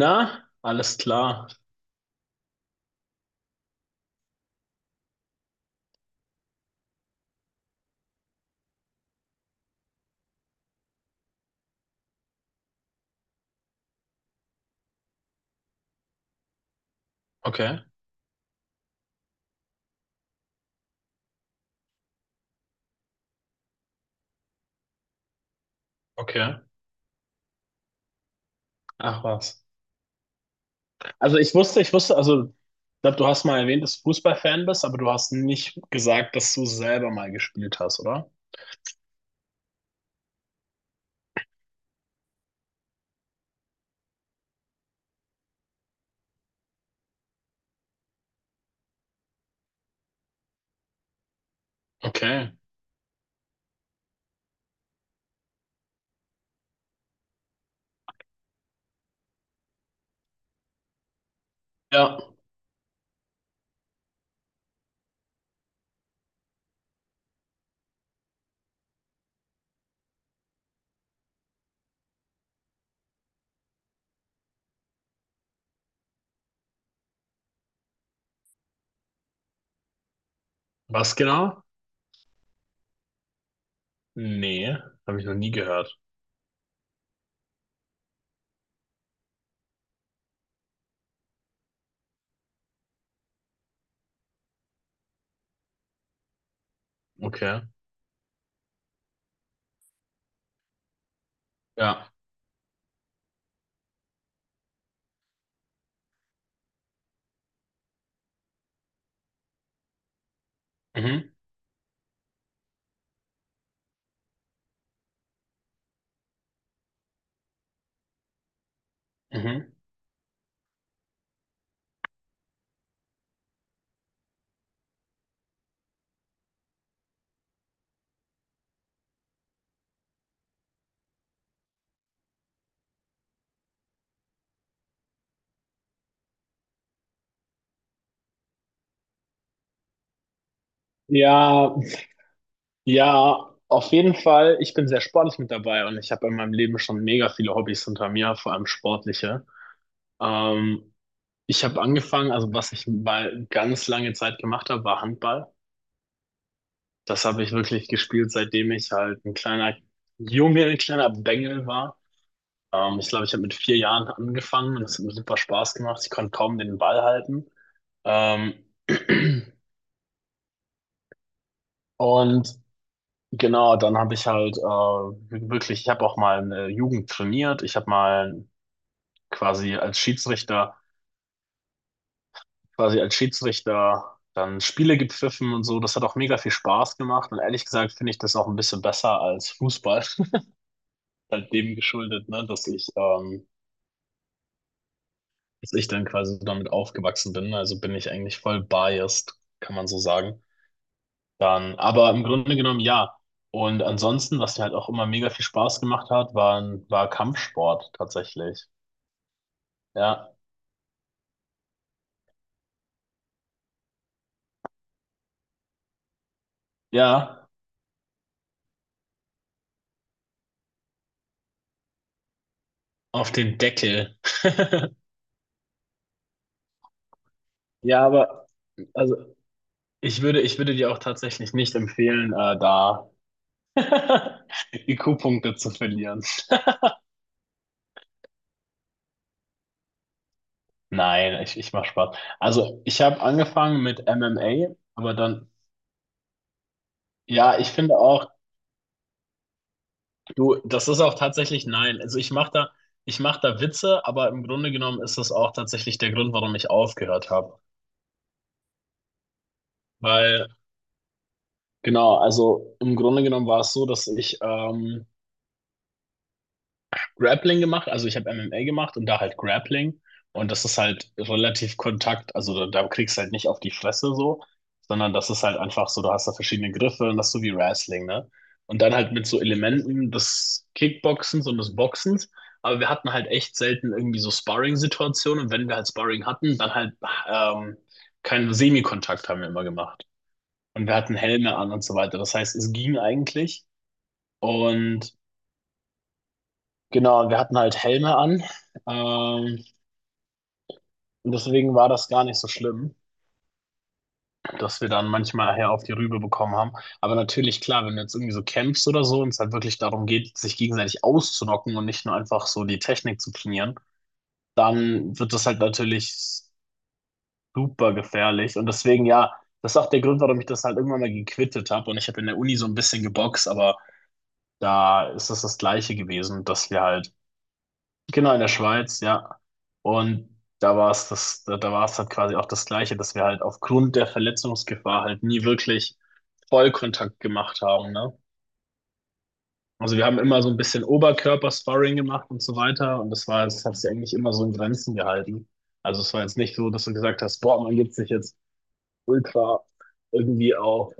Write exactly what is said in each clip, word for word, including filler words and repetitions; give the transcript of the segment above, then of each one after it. Na, alles klar. Okay, okay. Ach was. Also ich wusste, ich wusste, also ich glaube, du hast mal erwähnt, dass du Fußballfan bist, aber du hast nicht gesagt, dass du selber mal gespielt hast, oder? Okay. Ja. Was genau? Nee, habe ich noch nie gehört. Okay. Ja. Mhm. Mhm. Ja, ja, auf jeden Fall. Ich bin sehr sportlich mit dabei und ich habe in meinem Leben schon mega viele Hobbys hinter mir, vor allem sportliche. Ähm, Ich habe angefangen, also was ich mal ganz lange Zeit gemacht habe, war Handball. Das habe ich wirklich gespielt, seitdem ich halt ein kleiner Junge, ein kleiner Bengel war. Ähm, ich glaube, ich habe mit vier Jahren angefangen und es hat mir super Spaß gemacht. Ich konnte kaum den Ball halten. Ähm, und genau, dann habe ich halt äh, wirklich, ich habe auch mal eine Jugend trainiert. Ich habe mal quasi als Schiedsrichter quasi als Schiedsrichter dann Spiele gepfiffen und so. Das hat auch mega viel Spaß gemacht. Und ehrlich gesagt finde ich das auch ein bisschen besser als Fußball. Halt dem geschuldet, ne, dass ich, ähm, dass ich dann quasi damit aufgewachsen bin. Also bin ich eigentlich voll biased, kann man so sagen. Dann, aber im Grunde genommen ja. Und ansonsten, was mir halt auch immer mega viel Spaß gemacht hat, waren, war Kampfsport tatsächlich. Ja, ja, auf den Deckel. Ja, aber also Ich würde, ich würde dir auch tatsächlich nicht empfehlen, äh, da I Q-Punkte zu verlieren. Nein, ich, ich mache Spaß. Also, ich habe angefangen mit M M A, aber dann, ja, ich finde auch, du, das ist auch tatsächlich nein. Also, ich mache da, ich mache da Witze, aber im Grunde genommen ist das auch tatsächlich der Grund, warum ich aufgehört habe. Weil, genau, also im Grunde genommen war es so, dass ich ähm, Grappling gemacht, also ich habe M M A gemacht und da halt Grappling. Und das ist halt relativ Kontakt, also da, da kriegst du halt nicht auf die Fresse so, sondern das ist halt einfach so, du hast da verschiedene Griffe und das ist so wie Wrestling, ne? Und dann halt mit so Elementen des Kickboxens und des Boxens. Aber wir hatten halt echt selten irgendwie so Sparring-Situationen. Und wenn wir halt Sparring hatten, dann halt ähm, keinen Semikontakt haben wir immer gemacht. Und wir hatten Helme an und so weiter. Das heißt, es ging eigentlich. Und genau, und wir hatten halt Helme an. Ähm, und deswegen war das gar nicht so schlimm, dass wir dann manchmal her auf die Rübe bekommen haben. Aber natürlich, klar, wenn du jetzt irgendwie so campst oder so und es halt wirklich darum geht, sich gegenseitig auszunocken und nicht nur einfach so die Technik zu trainieren, dann wird das halt natürlich super gefährlich. Und deswegen, ja, das ist auch der Grund, warum ich das halt irgendwann mal gequittet habe. Und ich habe in der Uni so ein bisschen geboxt, aber da ist es das Gleiche gewesen, dass wir halt genau, in der Schweiz, ja. Und da war es das, da, da war es halt quasi auch das Gleiche, dass wir halt aufgrund der Verletzungsgefahr halt nie wirklich Vollkontakt gemacht haben, ne? Also wir haben immer so ein bisschen Oberkörper-Sparring gemacht und so weiter und das war, das hat sich eigentlich immer so in Grenzen gehalten. Also es war jetzt nicht so, dass du gesagt hast, boah, man gibt sich jetzt ultra irgendwie auf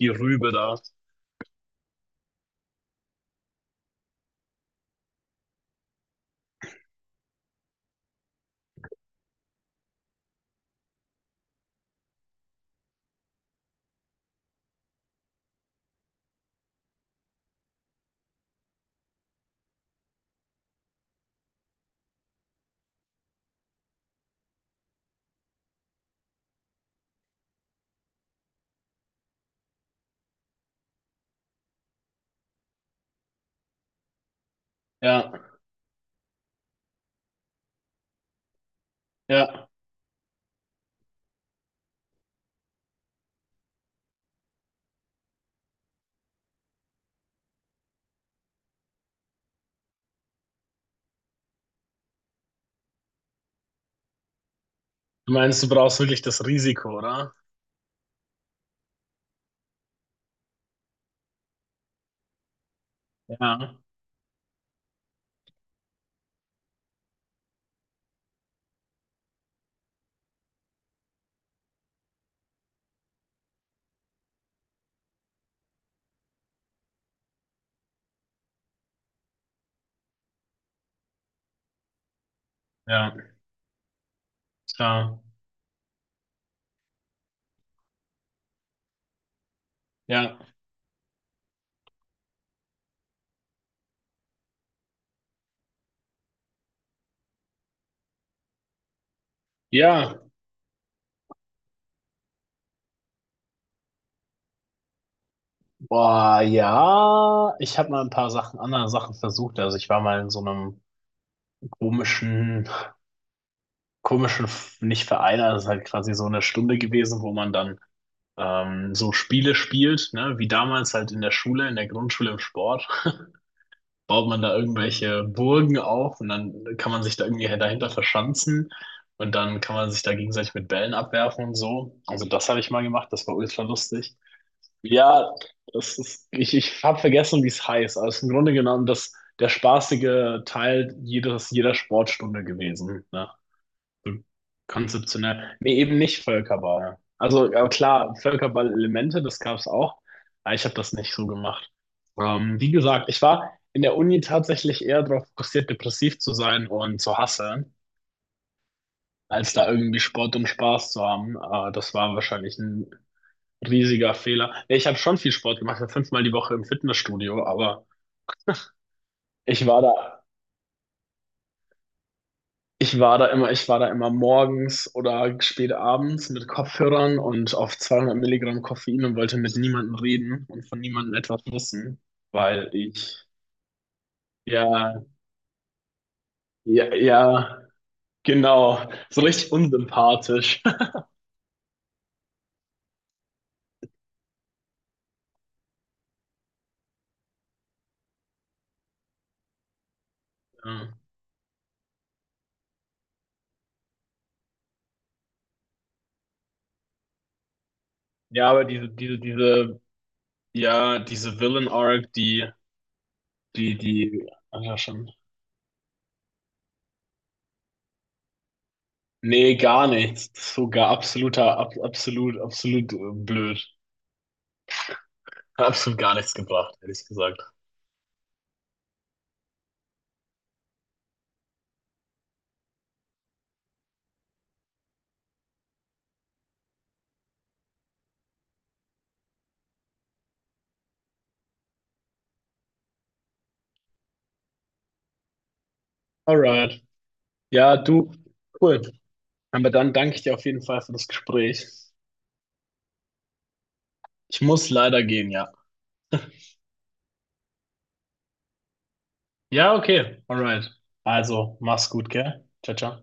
die Rübe da. Ja, ja. Du meinst, du brauchst wirklich das Risiko, oder? Ja, ja, klar. Ja. Ja, boah, ja, ich habe mal ein paar Sachen, andere Sachen versucht. Also ich war mal in so einem komischen, komischen, nicht Verein, also es ist halt quasi so eine Stunde gewesen, wo man dann ähm, so Spiele spielt, ne? Wie damals halt in der Schule, in der Grundschule im Sport, baut man da irgendwelche Burgen auf und dann kann man sich da irgendwie dahinter verschanzen und dann kann man sich da gegenseitig mit Bällen abwerfen und so. Also das habe ich mal gemacht, das war ultra lustig. Ja, das ist, ich, ich habe vergessen, wie es heißt. Also im Grunde genommen das, der spaßige Teil jedes, jeder Sportstunde gewesen. Ne? So konzeptionell. Nee, eben nicht Völkerball. Also ja, klar, Völkerball-Elemente, das gab es auch, aber ich habe das nicht so gemacht. Ähm, wie gesagt, ich war in der Uni tatsächlich eher darauf fokussiert, depressiv zu sein und zu hasseln, als da irgendwie Sport und Spaß zu haben. Äh, das war wahrscheinlich ein riesiger Fehler. Ja, ich habe schon viel Sport gemacht, ich war fünfmal die Woche im Fitnessstudio, aber ich war da, ich war da immer, ich war da immer morgens oder spät abends mit Kopfhörern und auf zweihundert Milligramm Koffein und wollte mit niemandem reden und von niemandem etwas wissen, weil ich, ja, ja, ja, genau, so richtig unsympathisch. Ja, ja, aber diese, diese, diese, ja, diese Villain-Arc, die, die, die, ach ja, schon. Nee, gar nichts. Das ist sogar absoluter, ab, absolut, absolut äh, blöd. Hat absolut gar nichts gebracht, ehrlich gesagt. Alright. Ja, du, cool. Aber dann danke ich dir auf jeden Fall für das Gespräch. Ich muss leider gehen, ja. Ja, okay. Alright. Also, mach's gut, gell? Ciao, ciao.